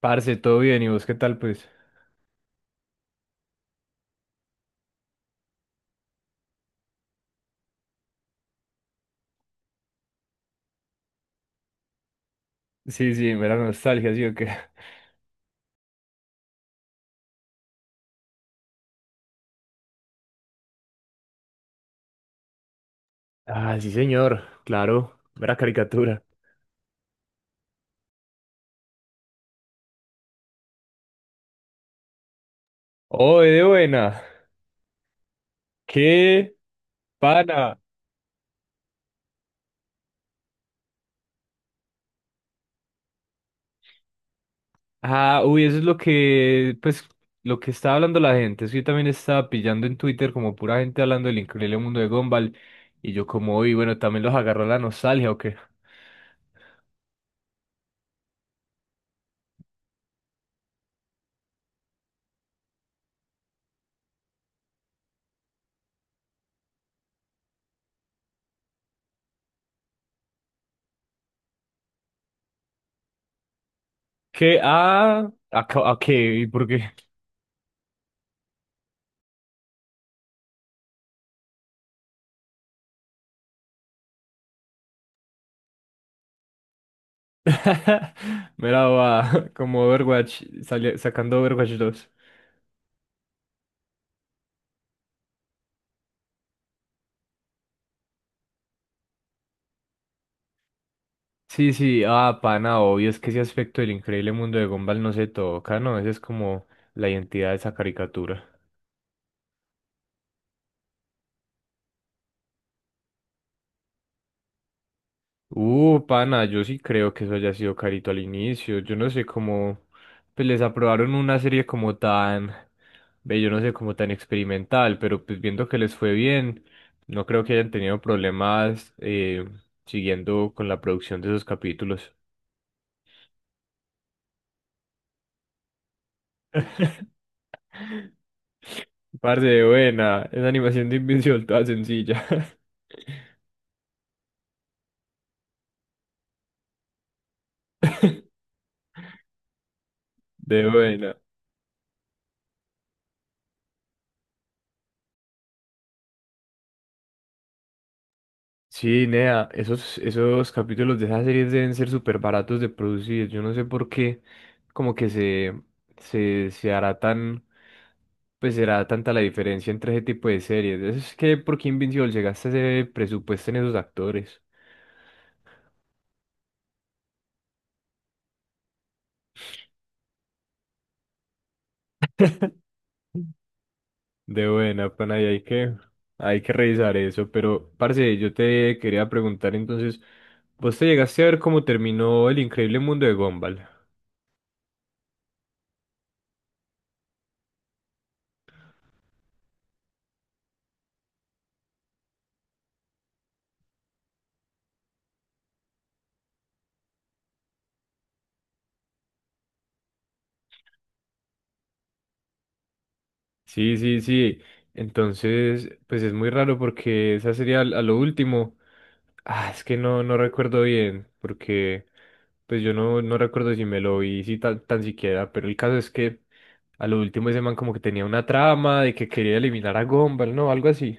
Parce, todo bien, ¿y vos qué tal, pues? Sí, mera nostalgia, ¿sí o qué? Ah, sí, señor, claro, mera caricatura. ¡Oh, de buena! ¡Qué pana! Ah, uy, eso es lo que estaba hablando la gente. Eso yo también estaba pillando en Twitter como pura gente hablando del increíble mundo de Gumball. Y yo como, uy, bueno, también los agarró la nostalgia, ¿o qué? ¿Qué? Ah, a qué? ¿Y por qué? Mira, va, como Overwatch, sacando Overwatch 2. Sí, ah, pana, obvio, es que ese aspecto del increíble mundo de Gumball no se toca, ¿no? Esa es como la identidad de esa caricatura. Pana, yo sí creo que eso haya sido carito al inicio. Yo no sé cómo, pues les aprobaron una serie como tan, ve, yo no sé, como tan experimental, pero pues viendo que les fue bien, no creo que hayan tenido problemas siguiendo con la producción de esos capítulos. Par de buena, esa animación de Invincible toda sencilla. De buena. Sí, Nea, esos capítulos de esas series deben ser súper baratos de producir. Yo no sé por qué, como que se hará tan, pues será tanta la diferencia entre ese tipo de series. Es que, ¿por qué Invincible llegaste a ese presupuesto en esos actores? De buena, pana, hay que revisar eso. Pero, parce, yo te quería preguntar entonces, ¿vos te llegaste a ver cómo terminó El Increíble Mundo de Gumball? Sí. Entonces, pues es muy raro porque esa sería a lo último. Ah, es que no recuerdo bien, porque pues yo no, no recuerdo si me lo vi si tan siquiera, pero el caso es que a lo último ese man como que tenía una trama de que quería eliminar a Gumball, ¿no? Algo así.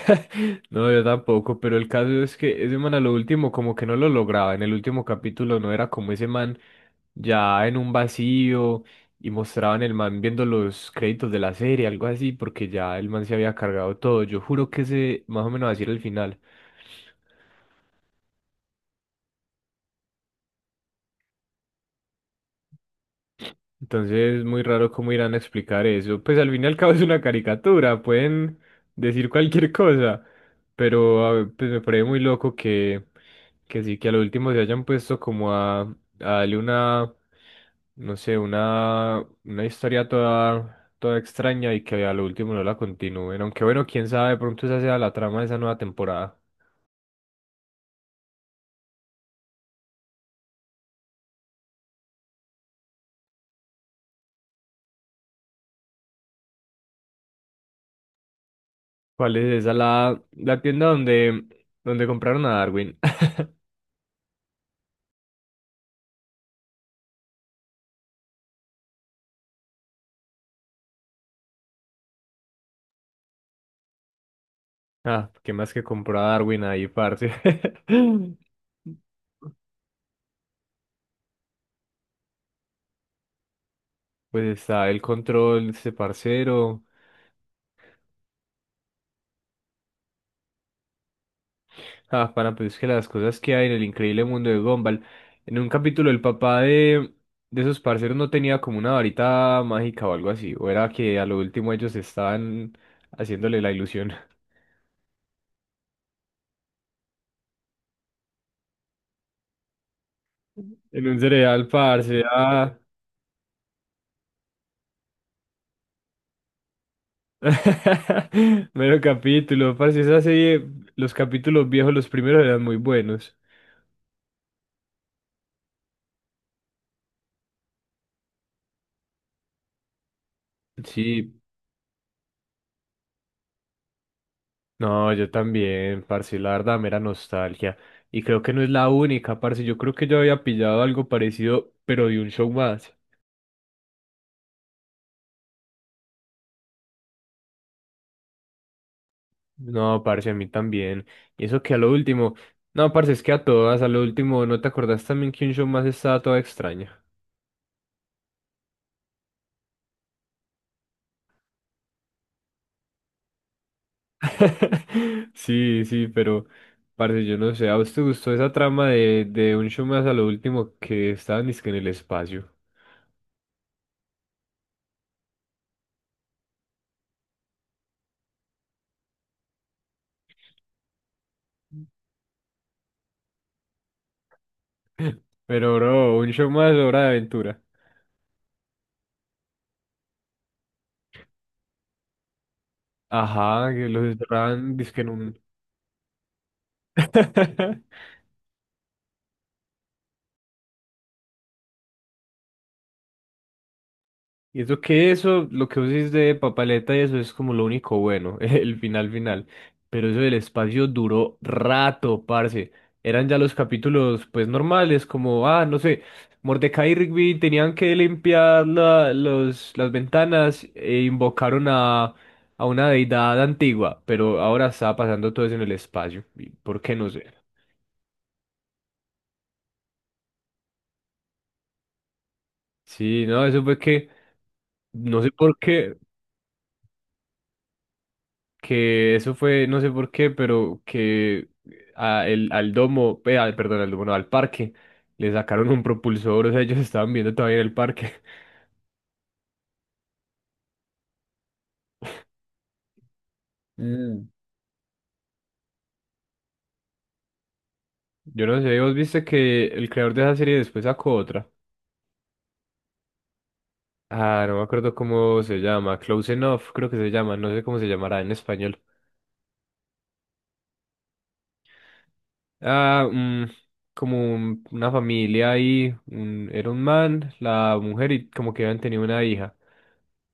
No, yo tampoco, pero el caso es que ese man a lo último como que no lo lograba. En el último capítulo no era como ese man ya en un vacío y mostraban el man viendo los créditos de la serie, algo así, porque ya el man se había cargado todo. Yo juro que ese más o menos así era el final. Entonces, muy raro cómo irán a explicar eso. Pues al fin y al cabo es una caricatura, pueden decir cualquier cosa, pero a ver, pues me parece muy loco que sí, que a lo último se hayan puesto como a darle una, no sé, una historia toda, toda extraña y que a lo último no la continúen. Aunque bueno, quién sabe, de pronto esa sea la trama de esa nueva temporada. ¿Cuál es esa? La tienda donde, donde compraron a Darwin. Ah, qué más que compró a Darwin ahí, parce. Pues está el control, este parcero. Ah, para pues es que las cosas que hay en el increíble mundo de Gumball. En un capítulo el papá de esos parceros no tenía como una varita mágica o algo así. O era que a lo último ellos estaban haciéndole la ilusión. En un cereal, parce. Ah. Mero capítulo, parce. Esa serie, los capítulos viejos, los primeros eran muy buenos. Sí, no, yo también, parce, la verdad, mera nostalgia. Y creo que no es la única, parce. Yo creo que yo había pillado algo parecido, pero de un show más. No, parce, a mí también. Y eso que a lo último. No, parce, es que a todas, a lo último, ¿no te acordás también que un show más estaba toda extraña? Sí, sí, pero, parce, yo no sé. ¿A vos te gustó esa trama de, un show más a lo último que estaban dizque en el espacio? Pero, bro, un show más, hora de aventura. Ajá, que los encerraban, dizque en un. Y eso que eso, lo que vos decís de papaleta y eso es como lo único bueno, el final final. Pero eso del espacio duró rato, parce. Eran ya los capítulos pues normales, como, ah, no sé, Mordecai y Rigby tenían que limpiar las ventanas e invocaron a una deidad antigua, pero ahora está pasando todo eso en el espacio. ¿Y ¿por qué? No sé. Sí, no, no sé por qué. Que eso fue, no sé por qué, pero que a perdón, al domo, no, al parque, le sacaron un propulsor, o sea, ellos estaban viendo todavía en el parque. Mm. Yo no sé, vos viste que el creador de esa serie después sacó otra. Ah, no me acuerdo cómo se llama, Close Enough, creo que se llama, no sé cómo se llamará en español. Ah, mm, como una familia ahí, era un man, la mujer y como que habían tenido una hija.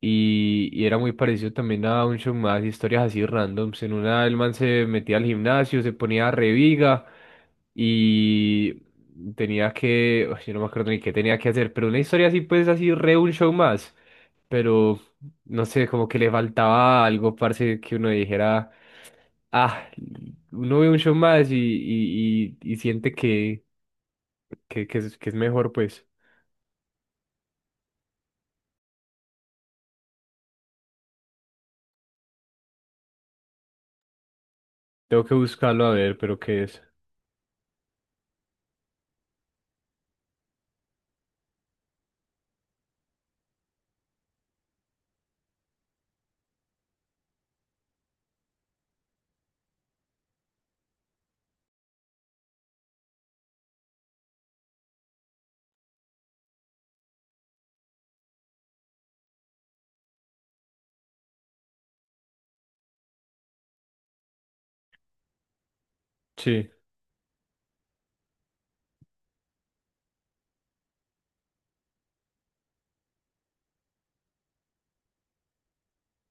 Y era muy parecido también a un show más, historias así randoms. En una, el man se metía al gimnasio, se ponía reviga y tenía que, uy, yo no me acuerdo ni qué tenía que hacer, pero una historia así, pues así, re un show más. Pero no sé, como que le faltaba algo, parce, que uno dijera, ah, uno ve un show más y siente que es mejor, pues. Tengo que buscarlo a ver, pero qué es. Sí.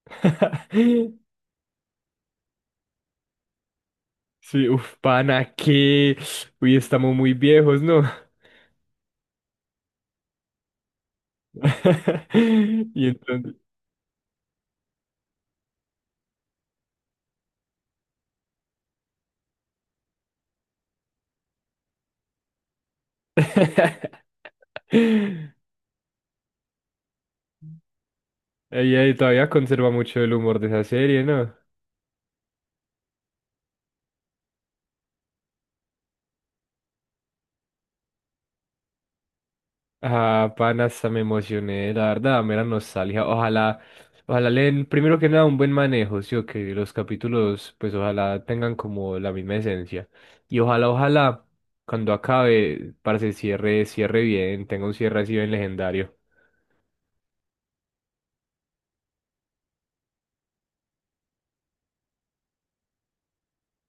Sí, uf, pana, que. Uy, estamos muy viejos, ¿no? Y entonces. Ella todavía conserva mucho el humor de esa serie, ¿no? Ah, pana, hasta me emocioné, la verdad, mera nostalgia. Ojalá, ojalá le den, primero que nada, un buen manejo, sí, o que los capítulos, pues ojalá tengan como la misma esencia. Y ojalá, ojalá, cuando acabe, para se cierre, cierre bien, tenga un cierre así bien legendario.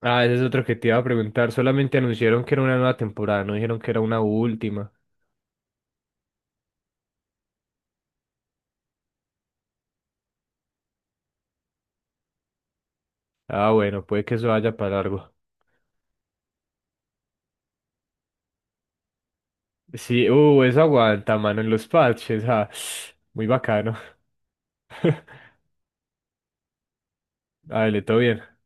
Ah, ese es otro que te iba a preguntar. Solamente anunciaron que era una nueva temporada, no dijeron que era una última. Ah, bueno, puede que eso vaya para largo. Sí, eso aguanta, mano, en los parches. Ah, muy bacano. Dale, todo bien.